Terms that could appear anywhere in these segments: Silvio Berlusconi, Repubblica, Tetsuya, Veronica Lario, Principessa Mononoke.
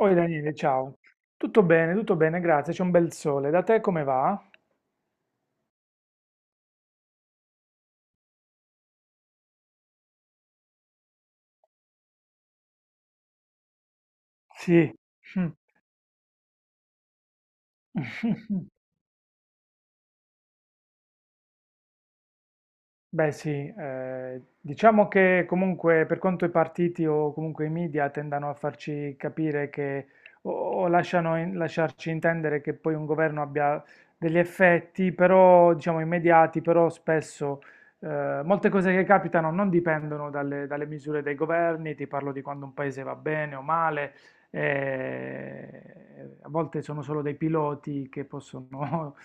Oi Daniele, ciao. Tutto bene, grazie. C'è un bel sole. Da te come va? Sì. Beh sì, diciamo che comunque, per quanto i partiti o comunque i media tendano a farci capire che o lasciarci intendere che poi un governo abbia degli effetti, però diciamo immediati, però spesso molte cose che capitano non dipendono dalle misure dei governi. Ti parlo di quando un paese va bene o male: eh, a volte sono solo dei piloti che possono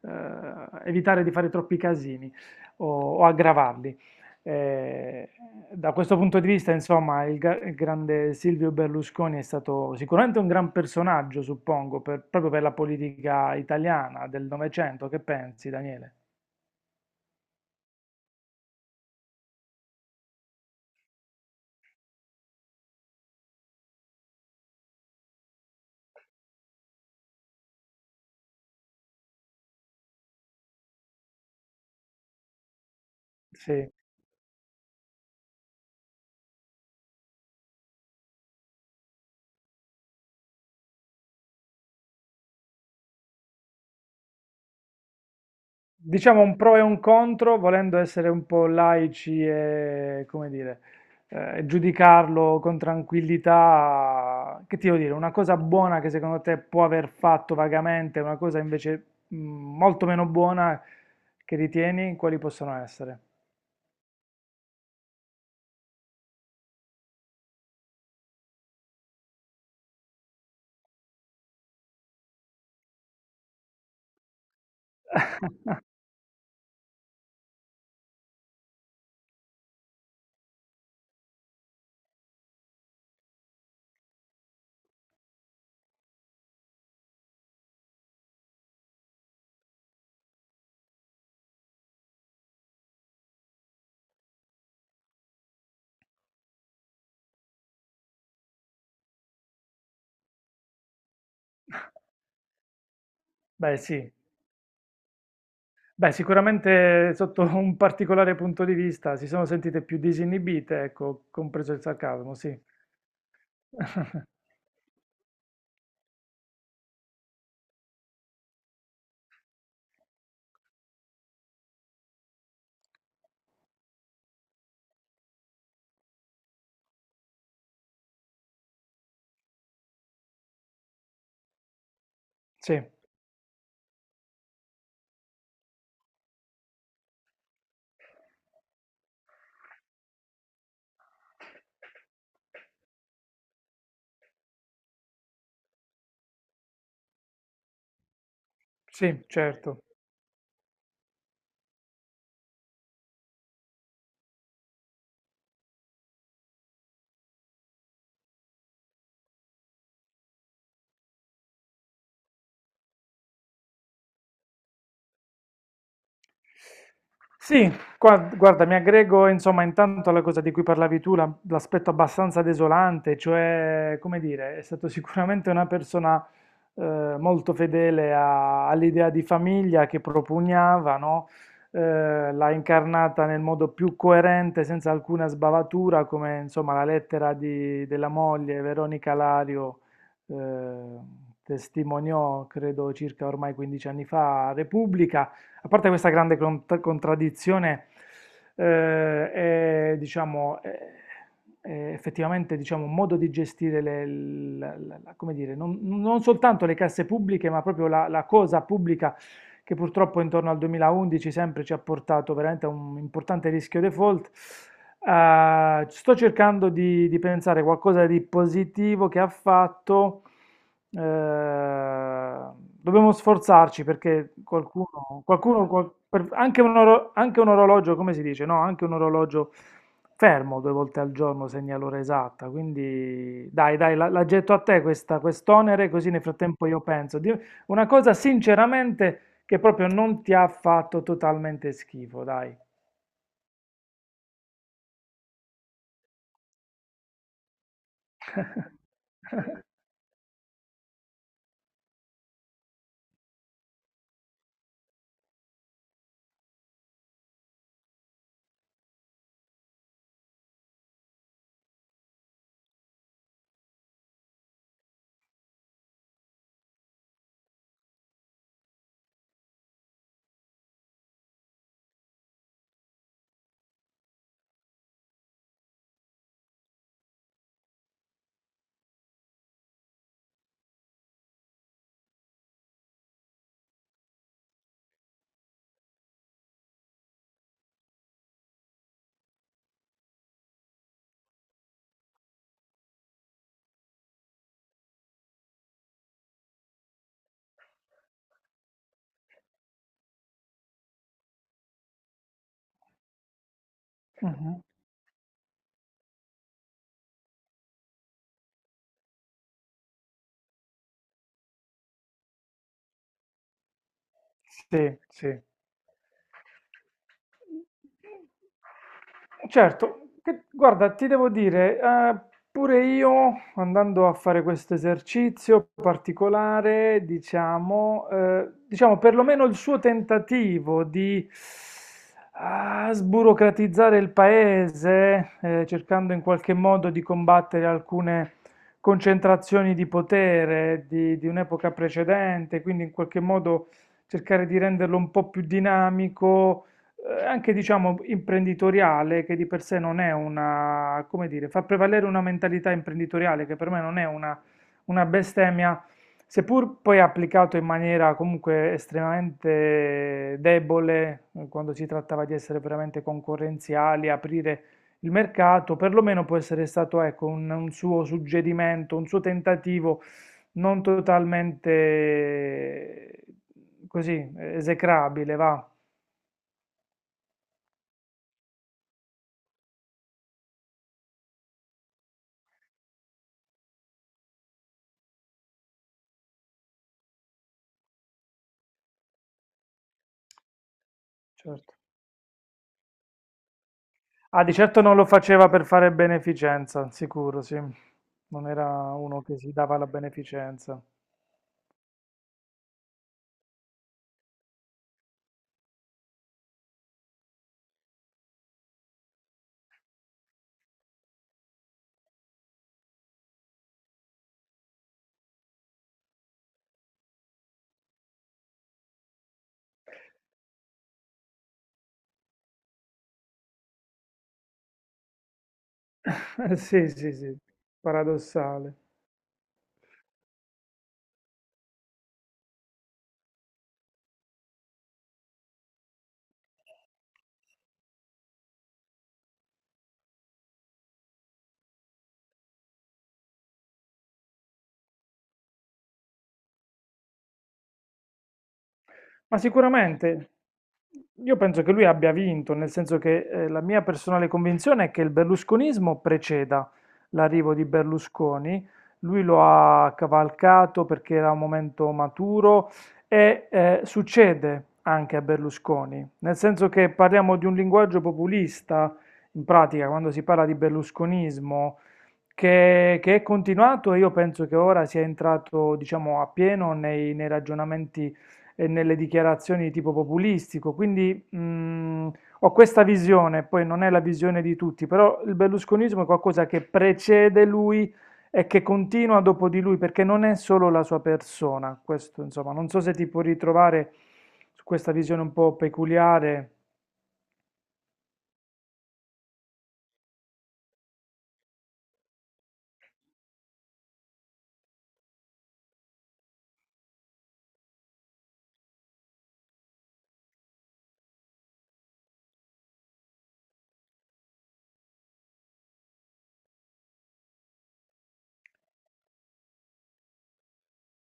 eh, evitare di fare troppi casini o, o aggravarli. Eh, da questo punto di vista, insomma, il grande Silvio Berlusconi è stato sicuramente un gran personaggio, suppongo, proprio per la politica italiana del Novecento. Che pensi, Daniele? Sì. Diciamo un pro e un contro, volendo essere un po' laici e, come dire, giudicarlo con tranquillità. Che ti devo dire, una cosa buona che secondo te può aver fatto vagamente, una cosa invece molto meno buona che ritieni, quali possono essere? Beh, sì. Beh, sicuramente sotto un particolare punto di vista si sono sentite più disinibite, ecco, compreso il sarcasmo, sì. Sì, sì, certo. Sì, guarda, mi aggrego insomma intanto alla cosa di cui parlavi tu, l'aspetto abbastanza desolante, cioè, come dire, è stato sicuramente una persona molto fedele all'idea di famiglia che propugnava, no? L'ha incarnata nel modo più coerente, senza alcuna sbavatura, come insomma la lettera della moglie Veronica Lario eh, testimoniò, credo circa ormai 15 anni fa, a Repubblica. A parte questa grande contraddizione, eh, è, diciamo, è effettivamente diciamo, un modo di gestire come dire, non soltanto le casse pubbliche, ma proprio la cosa pubblica, che purtroppo intorno al 2011 sempre ci ha portato veramente a un importante rischio default. Sto cercando di pensare qualcosa di positivo che ha fatto. Eh, dobbiamo sforzarci perché qualcuno, anche anche un orologio, come si dice, no? Anche un orologio fermo due volte al giorno segna l'ora esatta. Quindi dai, dai, la getto a te quest'onere, così nel frattempo io penso. Una cosa sinceramente che proprio non ti ha fatto totalmente schifo, dai. Mhm. Sì, sì. Certo, guarda, ti devo dire, pure io andando a fare questo esercizio particolare, diciamo perlomeno il suo tentativo di sburocratizzare il paese, cercando in qualche modo di combattere alcune concentrazioni di potere di un'epoca precedente, quindi in qualche modo cercare di renderlo un po' più dinamico, anche diciamo imprenditoriale, che di per sé non è una, come dire, fa prevalere una mentalità imprenditoriale che per me non è una bestemmia, seppur poi applicato in maniera comunque estremamente debole, quando si trattava di essere veramente concorrenziali, aprire il mercato, perlomeno può essere stato ecco, un suo suggerimento, un suo tentativo non totalmente così esecrabile, va. Certo. Ah, di certo non lo faceva per fare beneficenza, sicuro, sì. Non era uno che si dava la beneficenza. Sì, sì, sì, paradossale. Ma sicuramente io penso che lui abbia vinto, nel senso che la mia personale convinzione è che il berlusconismo preceda l'arrivo di Berlusconi. Lui lo ha cavalcato perché era un momento maturo e succede anche a Berlusconi, nel senso che parliamo di un linguaggio populista, in pratica, quando si parla di berlusconismo, che è continuato, e io penso che ora sia entrato, diciamo, a pieno nei ragionamenti e nelle dichiarazioni di tipo populistico. Quindi ho questa visione, poi non è la visione di tutti, però il berlusconismo è qualcosa che precede lui e che continua dopo di lui, perché non è solo la sua persona. Questo, insomma, non so se ti puoi ritrovare su questa visione un po' peculiare.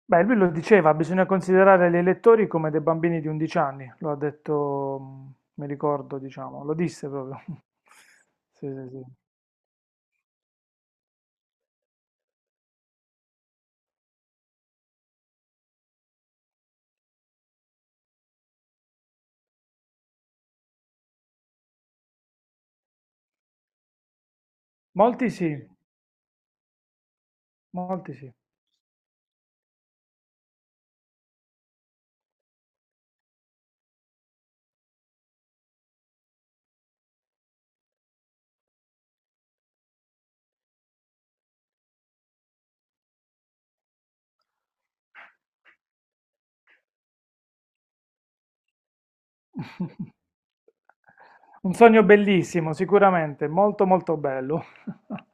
Beh, lui lo diceva, bisogna considerare gli elettori come dei bambini di 11 anni, lo ha detto, mi ricordo, diciamo, lo disse proprio. Sì, sì, sì. Molti sì, molti sì. Un sogno bellissimo, sicuramente, molto molto bello.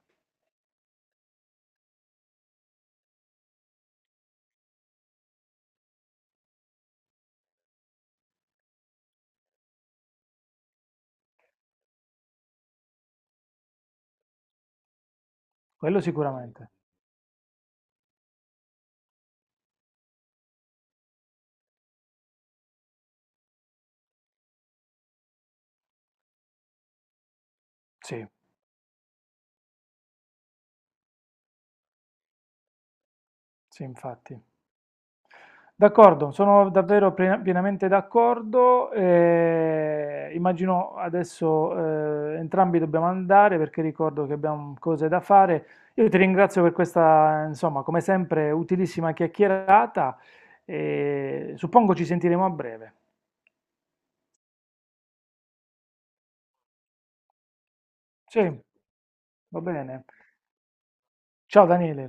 Quello sicuramente. Sì, sì, infatti. D'accordo, sono davvero pienamente d'accordo. Immagino adesso entrambi dobbiamo andare perché ricordo che abbiamo cose da fare. Io ti ringrazio per questa, insomma, come sempre, utilissima chiacchierata e suppongo ci sentiremo a breve. Sì, va bene. Ciao Daniele.